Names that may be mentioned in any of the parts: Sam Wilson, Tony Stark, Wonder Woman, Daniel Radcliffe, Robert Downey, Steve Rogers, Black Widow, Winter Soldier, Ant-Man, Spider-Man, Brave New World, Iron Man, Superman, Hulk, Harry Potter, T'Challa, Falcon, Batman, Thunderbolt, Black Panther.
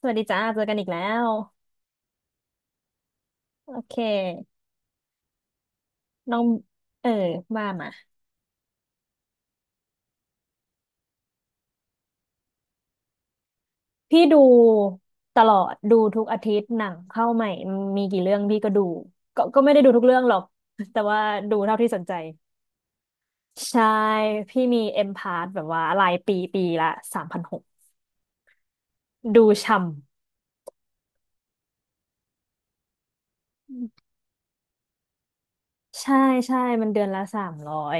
สวัสดีจ้าเจอกันอีกแล้วโอเคน้องเออว่ามาพี่ดูตลอดดูทุกอาทิตย์หนังเข้าใหม่มีกี่เรื่องพี่ก็ดูก็ไม่ได้ดูทุกเรื่องหรอก แต่ว่าดูเท่าที่สนใจใช่พี่มีเอ็มพาร์แบบว่ารายปีปีละ3,600ดูช่ำใช่ใช่มันเดือนละ300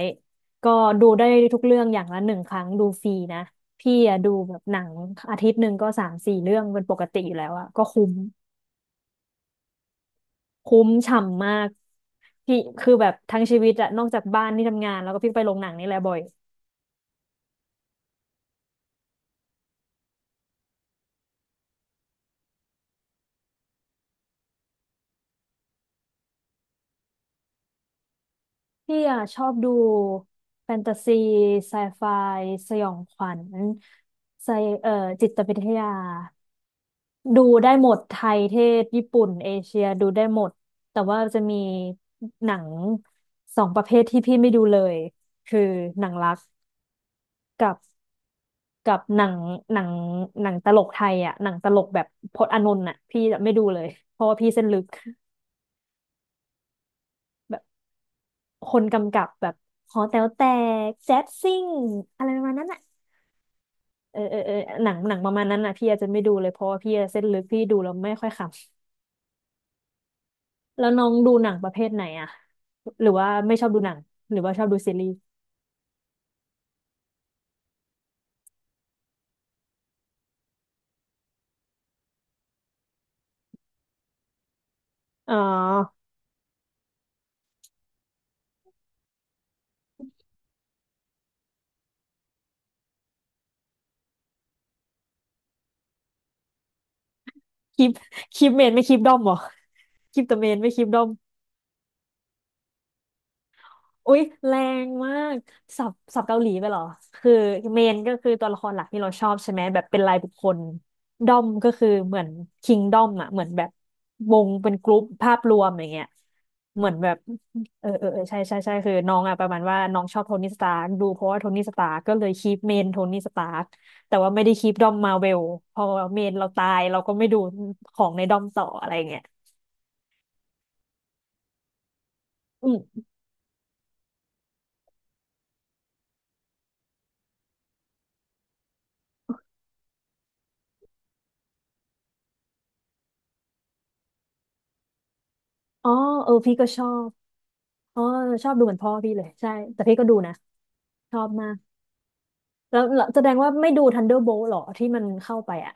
ก็ดูได้ทุกเรื่องอย่างละหนึ่งครั้งดูฟรีนะพี่อะดูแบบหนังอาทิตย์หนึ่งก็สามสี่เรื่องเป็นปกติอยู่แล้วอะก็คุ้ม คุ้มฉ่ำมากพี่คือแบบทั้งชีวิตอะนอกจากบ้านที่ทำงานแล้วก็พี่ไปโรงหนังนี่แหละบ่อยพี่อะชอบดูแฟนตาซีไซไฟสยองขวัญไซเอ่อจิตวิทยาดูได้หมดไทยเทศญี่ปุ่นเอเชียดูได้หมดแต่ว่าจะมีหนังสองประเภทที่พี่ไม่ดูเลยคือหนังรักกับ กับหนังหนังตลกไทยอ่ะหนังตลกแบบพจน์อานนท์อ่ะพี่จะไม่ดูเลยเพราะว่าพี่เส้นลึกแบบคนกำกับแบบหอแต๋วแตกแจ๊สซิ่งอะไรประมาณนั้นอ่ะเออเออเออหนังหนังประมาณนั้นอ่ะพี่อาจจะไม่ดูเลยเพราะว่าพี่เส้นลึกพี่ดูแล้วไม่ค่อยขำแล้วน้องดูหนังประเภทไหนอ่ะหรือว่าไม่ชอบดูหนังหรือว่าชอบดูซีรีส์อ๋อคลิปคลิปเมนไม่คลิปด้อมเหรอคลิปตัวเมนไม่คลิปด้อม อุ๊ยแรงมากสับเกาหลีไปเหรอคือเมนก็คือตัวละครหลักที่เราชอบใช่ไหมแบบเป็นรายบุคคลดอมก็คือเหมือนคิงดอมอ่ะเหมือนแบบวงเป็นกรุ๊ปภาพรวมอย่างเงี้ยเหมือนแบบเออเออเออใช่ใช่ใช่คือน้องอ่ะประมาณว่าน้องชอบโทนี่สตาร์กดูเพราะว่าโทนี่สตาร์กก็เลยคีปเมนโทนี่สตาร์กแต่ว่าไม่ได้คีปดอมมาเวลพอเมนเราตายเราก็ไม่ดูของในดอมต่ออะไรเงี้ยอืมอ๋อเออพี่ก็ชอบ อ๋อชอบดูเหมือนพ่อพี่เลยใช่แต่พี่ก็ดูนะชอบมากแล้วแสดงว่าไม่ดู Thunderbolt หรอที่มันเข้าไปอะ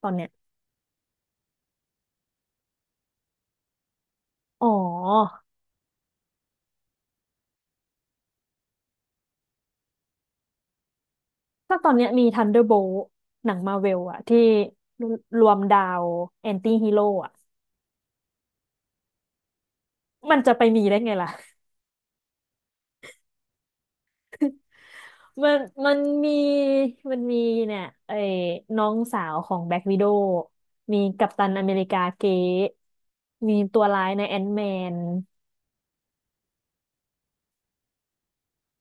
ตอนเนี้ยอ๋อกาตอนเนี้ยมี Thunderbolt หนังมาเวลอะที่รวมดาวแอนตี้ฮีโร่อะมันจะไปมีได้ไงล่ะมันมันมีมันมีเนี่ยไอ้น้องสาวของแบล็ k ว i ด o w มีกัปตันอเมริกาเก๊มีตัวร้ายในแอน t m แมน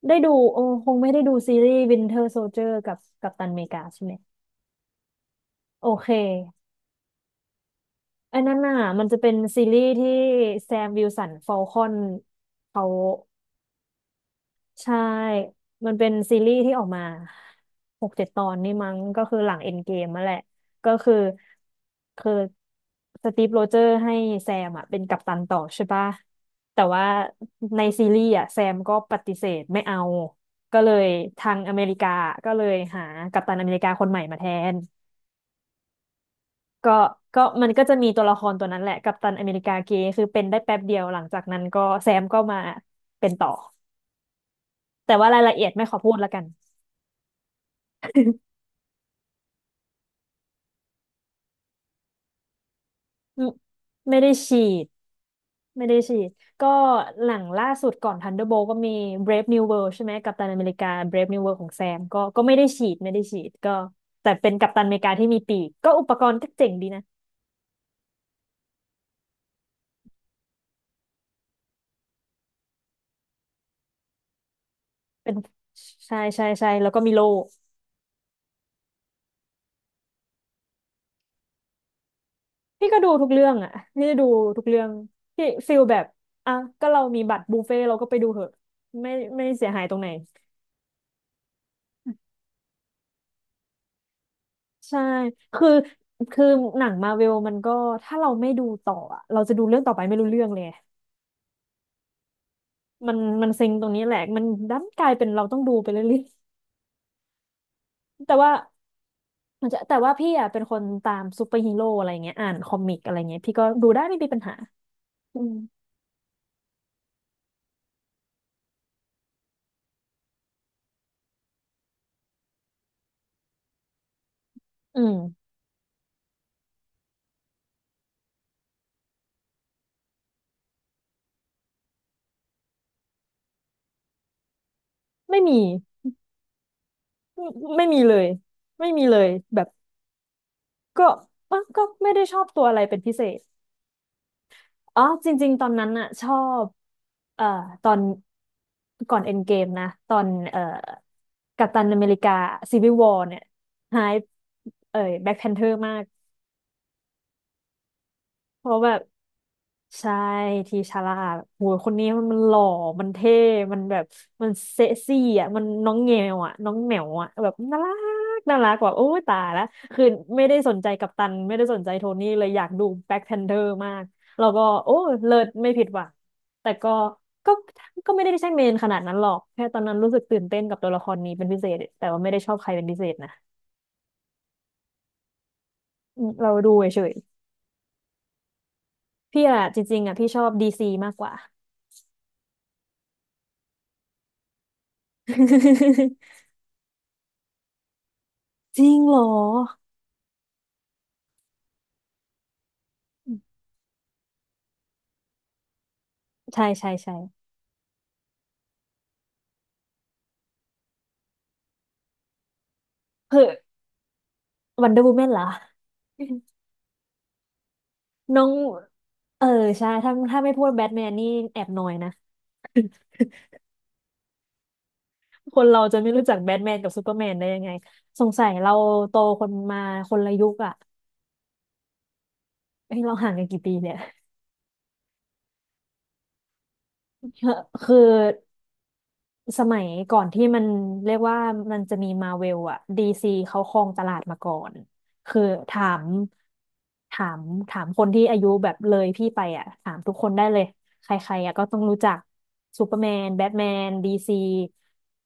ได้ดูโอ้คงไม่ได้ดูซีรีส์ Winter Soldier กับกัปตันอเมริกาใช่ไหมโอเคอันนั้นน่ะมันจะเป็นซีรีส์ที่แซมวิลสันฟอลคอนเขา ใช่ มันเป็นซีรีส์ที่ออกมาหกเจ็ดตอนนี่มั้งก็คือหลังเอ็นเกมมาแหละก็คือคือสตีฟโรเจอร์ให้แซมอ่ะเป็นกัปตันต่อใช่ปะแต่ว่าในซีรีส์อ่ะแซมก็ปฏิเสธไม่เอาก็เลยทางอเมริกาก็เลยหากัปตันอเมริกาคนใหม่มาแทนก็มันก็จะมีตัวละครตัวนั้นแหละกัปตันอเมริกาเกย์คือเป็นได้แป๊บเดียวหลังจากนั้นก็แซมก็มาเป็นต่อแต่ว่ารายละเอียดไม่ขอพูดและกัน อืมไม่ได้ฉีดไม่ได้ฉีดก็หนังล่าสุดก่อน Thunderbolt ก็มี Brave New World ใช่ไหมกัปตันอเมริกา Brave New World ของแซมก็ไม่ได้ฉีดไม่ได้ฉีดก็แต่เป็นกัปตันอเมริกาที่มีปีกก็อุปกรณ์ก็เจ๋งดีนะเป็นใช่ใช่ใช่แล้วก็มีโล่พี่ก็ดูทุกเรื่องอ่ะพี่ดูทุกเรื่องพี่ฟิลแบบอ่ะก็เรามีบัตรบุฟเฟ่ต์เราก็ไปดูเหอะไม่ไม่เสียหายตรงไหนใช่คือคือหนังมาเวลมันก็ถ้าเราไม่ดูต่ออะเราจะดูเรื่องต่อไปไม่รู้เรื่องเลย มันมันซิงตรงนี้แหละมันดันกลายเป็นเราต้องดูไปเรื่อยๆ แต่ว่ามันจะแต่ว่าพี่อ่ะเป็นคนตามซูเปอร์ฮีโร่อะไรเงี้ยอ่านคอมิกอะไรเงี้ยพี่ก็ดูได้ไม่มีปัญหาอืมอืมไม่มีไม่ไม่มีเลยไม่มีเลยแบบก็อ่ะก็ไม่ได้ชอบตัวอะไรเป็นพิเศษอ๋อจริงๆตอนนั้นอะชอบเอ่อตอนก่อนเอ็นเกมนะตอนกัปตันอเมริกาซีวิ l วอร์เนี่ยหายเอ่ยแบ็คแพนเทอร์มากเพราะแบบ ใช่ทีชาลาดโหยคนนี้มันหล่อมันเท่มันแบบมันเซ็กซี่อ่ะมันน้องแงวอ่ะน้องแหมวอ่ะแบบน่ารักน่ารักแบบโอ้ยตายละคือไม่ได้สนใจกัปตันไม่ได้สนใจโทนี่เลยอยากดูแบ็คแพนเ h อร์มากแล้วก็โอ้ยเลิศไม่ผิดหวังแต่ก็ก็ไม่ได้ใช่เมนขนาดนั้นหรอกแค่ตอนนั้นรู้สึกตื่นเต้นกับตัวละครนี้เป็นพิเศษแต่ว่าไม่ได้ชอบใครเป็นพิเศษนะอืมเราดูเฉยๆพี่อะจริงๆอะพี่ชอบดีซีมากกว่า จริงเหรอ ใช่ใช่ใช่เฮ้ยวันเดอร์วูแมนเหรอน้องเออใช่ถ้าไม่พูดแบทแมนนี่แอบหน่อยนะคนเราจะไม่รู้จักแบทแมนกับซูเปอร์แมนได้ยังไงสงสัยเราโตคนมาคนละยุคอ่ะเฮ้ยเราห่างกันกี่ปีเนี่ยคือ สมัยก่อนที่มันเรียกว่ามันจะมีมาเวลอะดีซีเขาครองตลาดมาก่อนคือถามถามคนที่อายุแบบเลยพี่ไปอะถามทุกคนได้เลยใครๆอะก็ต้องรู้จักซูเปอร์แมนแบทแมนดีซี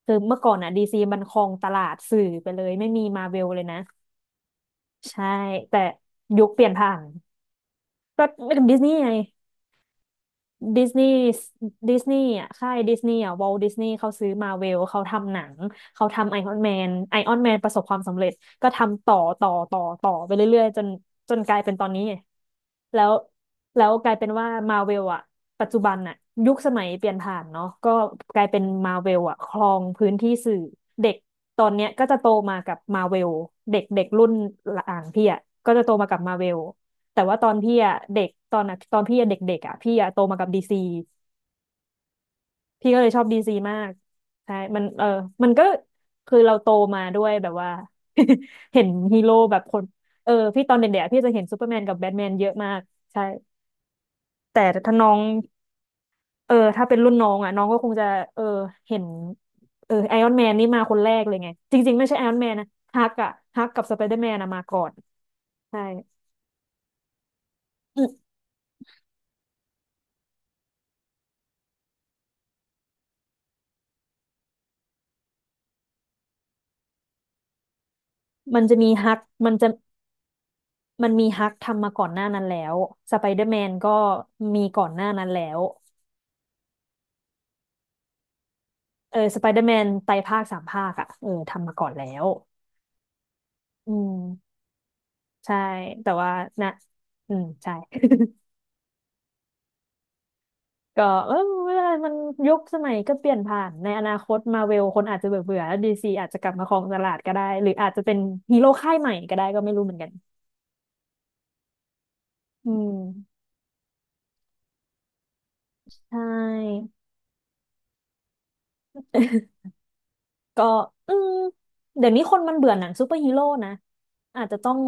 คือเมื่อก่อนอะดีซีมันครองตลาดสื่อไปเลยไม่มีมาเวลเลยนะใช่แต่ยุคเปลี่ยนผ่านก็ไม่กังดิสนีย์ไง ดิสนีย์ดิสนีย์อ่ะค่ายดิสนีย์อ่ะวอลดิสนีย์เขาซื้อมาเวลเขาทำหนังเขาทำไอออนแมนไอออนแมนประสบความสำเร็จก็ทำต่อต่อต่อต่อไปเรื่อยๆจนกลายเป็นตอนนี้ไงแล้วกลายเป็นว่ามาเวลอ่ะปัจจุบันอ่ะยุคสมัยเปลี่ยนผ่านเนาะก็กลายเป็นมาเวลอ่ะครองพื้นที่สื่อเด็กตอนเนี้ยก็จะโตมากับมาเวลเด็กเด็กรุ่นหลังพี่อ่ะก็จะโตมากับมาเวล แต่ว่าตอนพี่อะเด็กตอนอะตอนพี่อะเด็กๆอะพี่อะโตมากับดีซีพี่ก็เลยชอบดีซีมากใช่มันเออมันก็คือเราโตมาด้วยแบบว่า เห็นฮีโร่แบบคนเออพี่ตอนเด็กๆอะพี่จะเห็นซูเปอร์แมนกับแบทแมนเยอะมากใช่แต่ถ้าน้องเออถ้าเป็นรุ่นน้องอะน้องก็คงจะเออเห็นเออไอรอนแมนนี่มาคนแรกเลยไงจริงๆไม่ใช่ไอรอนแมนนะฮักอะฮักกับสไปเดอร์แมนอะมาก่อนใช่อืมมันจะมีฮักมันจะ มันมีฮักทำมาก่อนหน้านั้นแล้วสไปเดอร์แมนก็มีก่อนหน้านั้นแล้วเออสไปเดอร์แมนไตรภาคสามภาคอ่ะเออทำมาก่อนแล้วอืมใช่แต่ว่านะอืมใช่ ก็เออไม่เป็นไรมันยุคสมัยก็เปลี่ยนผ่านในอนาคตมาเวลคนอาจจะเบื่อเบื่อแล้วดีซีอาจจะกลับมาครองตลาดก็ได้หรืออาจจะเป็นฮีโร่ค่ายใหม่ก็ได้ก็ไม่รู้เหมือนกันอืมใช่ ก็อืมเดี๋ยวนี้คนมันเบื่อหนังซูเปอร์ฮีโร่นะอาจจะต้อง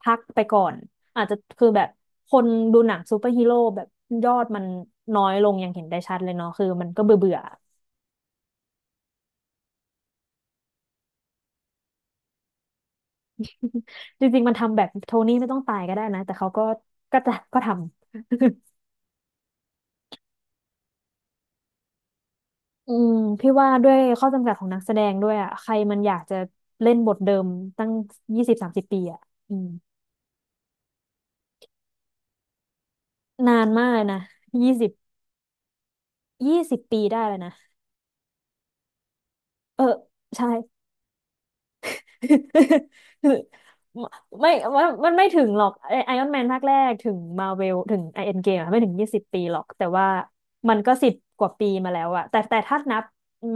พักไปก่อนอาจจะคือแบบคนดูหนังซูเปอร์ฮีโร่แบบยอดมันน้อยลงอย่างเห็นได้ชัดเลยเนาะคือมันก็เบื่อเบื่อจริงๆมันทำแบบโทนี่ไม่ต้องตายก็ได้นะแต่เขาก็ก็จะก็ทำ อืมพี่ว่าด้วยข้อจำกัดของนักแสดงด้วยอ่ะใครมันอยากจะเล่นบทเดิมตั้ง20-30 ปีอ่ะอืมนานมากเลยนะยี่สิบยี่สิบปีได้เลยนะเออใช่ ไม่มันไม่ถึงหรอกไอออนแมนภาคแรกถึงมาเวลถึงไอเอ็นเกมไม่ถึงยี่สิบปีหรอกแต่ว่ามันก็10 กว่าปีมาแล้วอะแต่ถ้านับ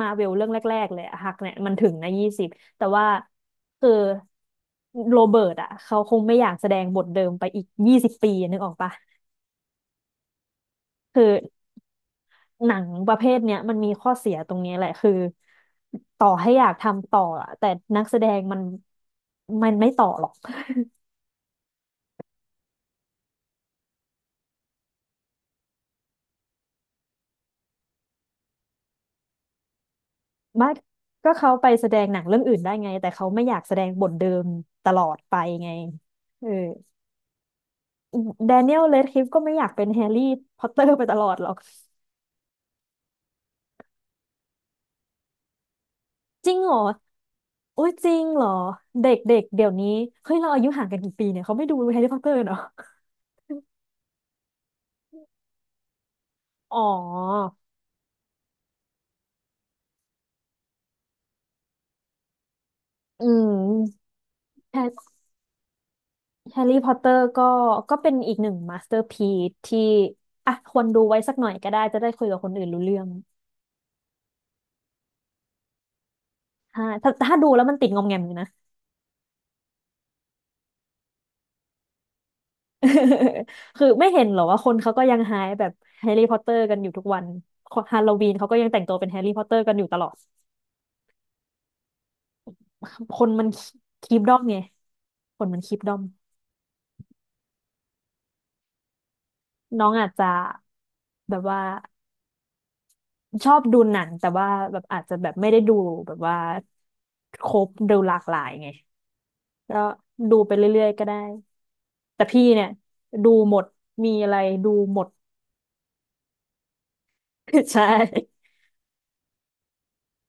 มาเวลเรื่องแรกๆเลยอะฮักเนี่ยมันถึงนะยี่สิบแต่ว่าคือโรเบิร์ตอะเขาคงไม่อยากแสดงบทเดิมไปอีกยี่สิบปีนึกออกปะคือหนังประเภทเนี้ยมันมีข้อเสียตรงนี้แหละคือต่อให้อยากทำต่ออะแต่นักแสดงมันไม่ต่อหรอก ไม่ก็เขาไปแสดงหนังเรื่องอื่นได้ไง แต่เขาไม่อยากแสดงบทเดิมตลอดไปไงเออแดเนียลเรดคลิฟก็ไม่อยากเป็นแฮร์รี่พอตเตอร์ไปตลอดหรอก จริงเหรอโอุ้ยจริงเหรอเด็กๆเดี๋ยวนี้เฮ้ยเราอายุห่างกันกี่ปีเนี่ยเขาไม่ดูแฮร์รี่พอตเตอร์เนาะอ๋ออืมแฮร์แฮร์รี่พอตเตอร์ก็ก็เป็นอีกหนึ่งมาสเตอร์พีซที่อ่ะควรดูไว้สักหน่อยก็ได้จะได้คุยกับคนอื่นรู้เรื่องถ้าดูแล้วมันติดงอมแงมอยู่นะ คือไม่เห็นเหรอว่าคนเขาก็ยังไฮป์แบบแฮร์รี่พอตเตอร์กันอยู่ทุกวันฮาโลวีนเขาก็ยังแต่งตัวเป็นแฮร์รี่พอตเตอร์กันอยู่ตลอดคนมันคีปดอมไงคนมันคีปดอมน้องอาจจะแบบว่าชอบดูหนังแต่ว่าแบบอาจจะแบบไม่ได้ดูแบบว่าครบดูหลากหลายไงก็ดูไปเรื่อยๆก็ได้แต่พี่เนี่ยดูหมดมีอะไรดูหมด ใช่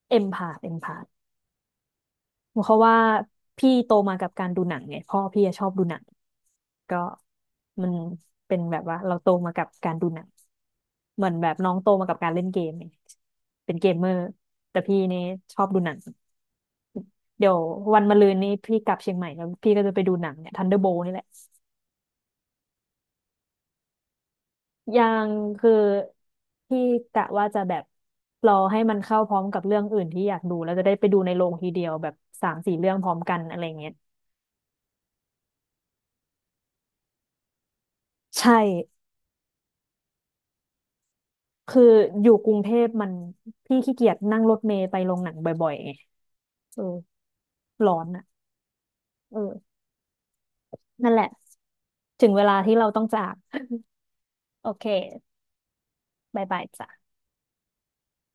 เอ็มพาเอ็มพา เพราะว่าพี่โตมากับการดูหนังไงพ่อพี่อะชอบดูหนังก็มันเป็นแบบว่าเราโตมากับการดูหนังเหมือนแบบน้องโตมากับการเล่นเกมไงเป็นเกมเมอร์แต่พี่นี่ชอบดูหนังเดี๋ยววันมะรืนนี้พี่กลับเชียงใหม่แล้วพี่ก็จะไปดูหนังเนี่ยทันเดอร์โบนี่แหละยังคือพี่กะว่าจะแบบรอให้มันเข้าพร้อมกับเรื่องอื่นที่อยากดูแล้วจะได้ไปดูในโรงทีเดียวแบบ3-4 เรื่องพร้อมกันอะไรเงี้ยใช่ คืออยู่กรุงเทพมันพี่ขี้เกียจนั่งรถเมล์ไปโรงหนังบ่อยๆไงเออร้อนอ่ะเออนั่นแหละถึงเวลาที่เราต้องจาก โอเคบายบายจ้ะ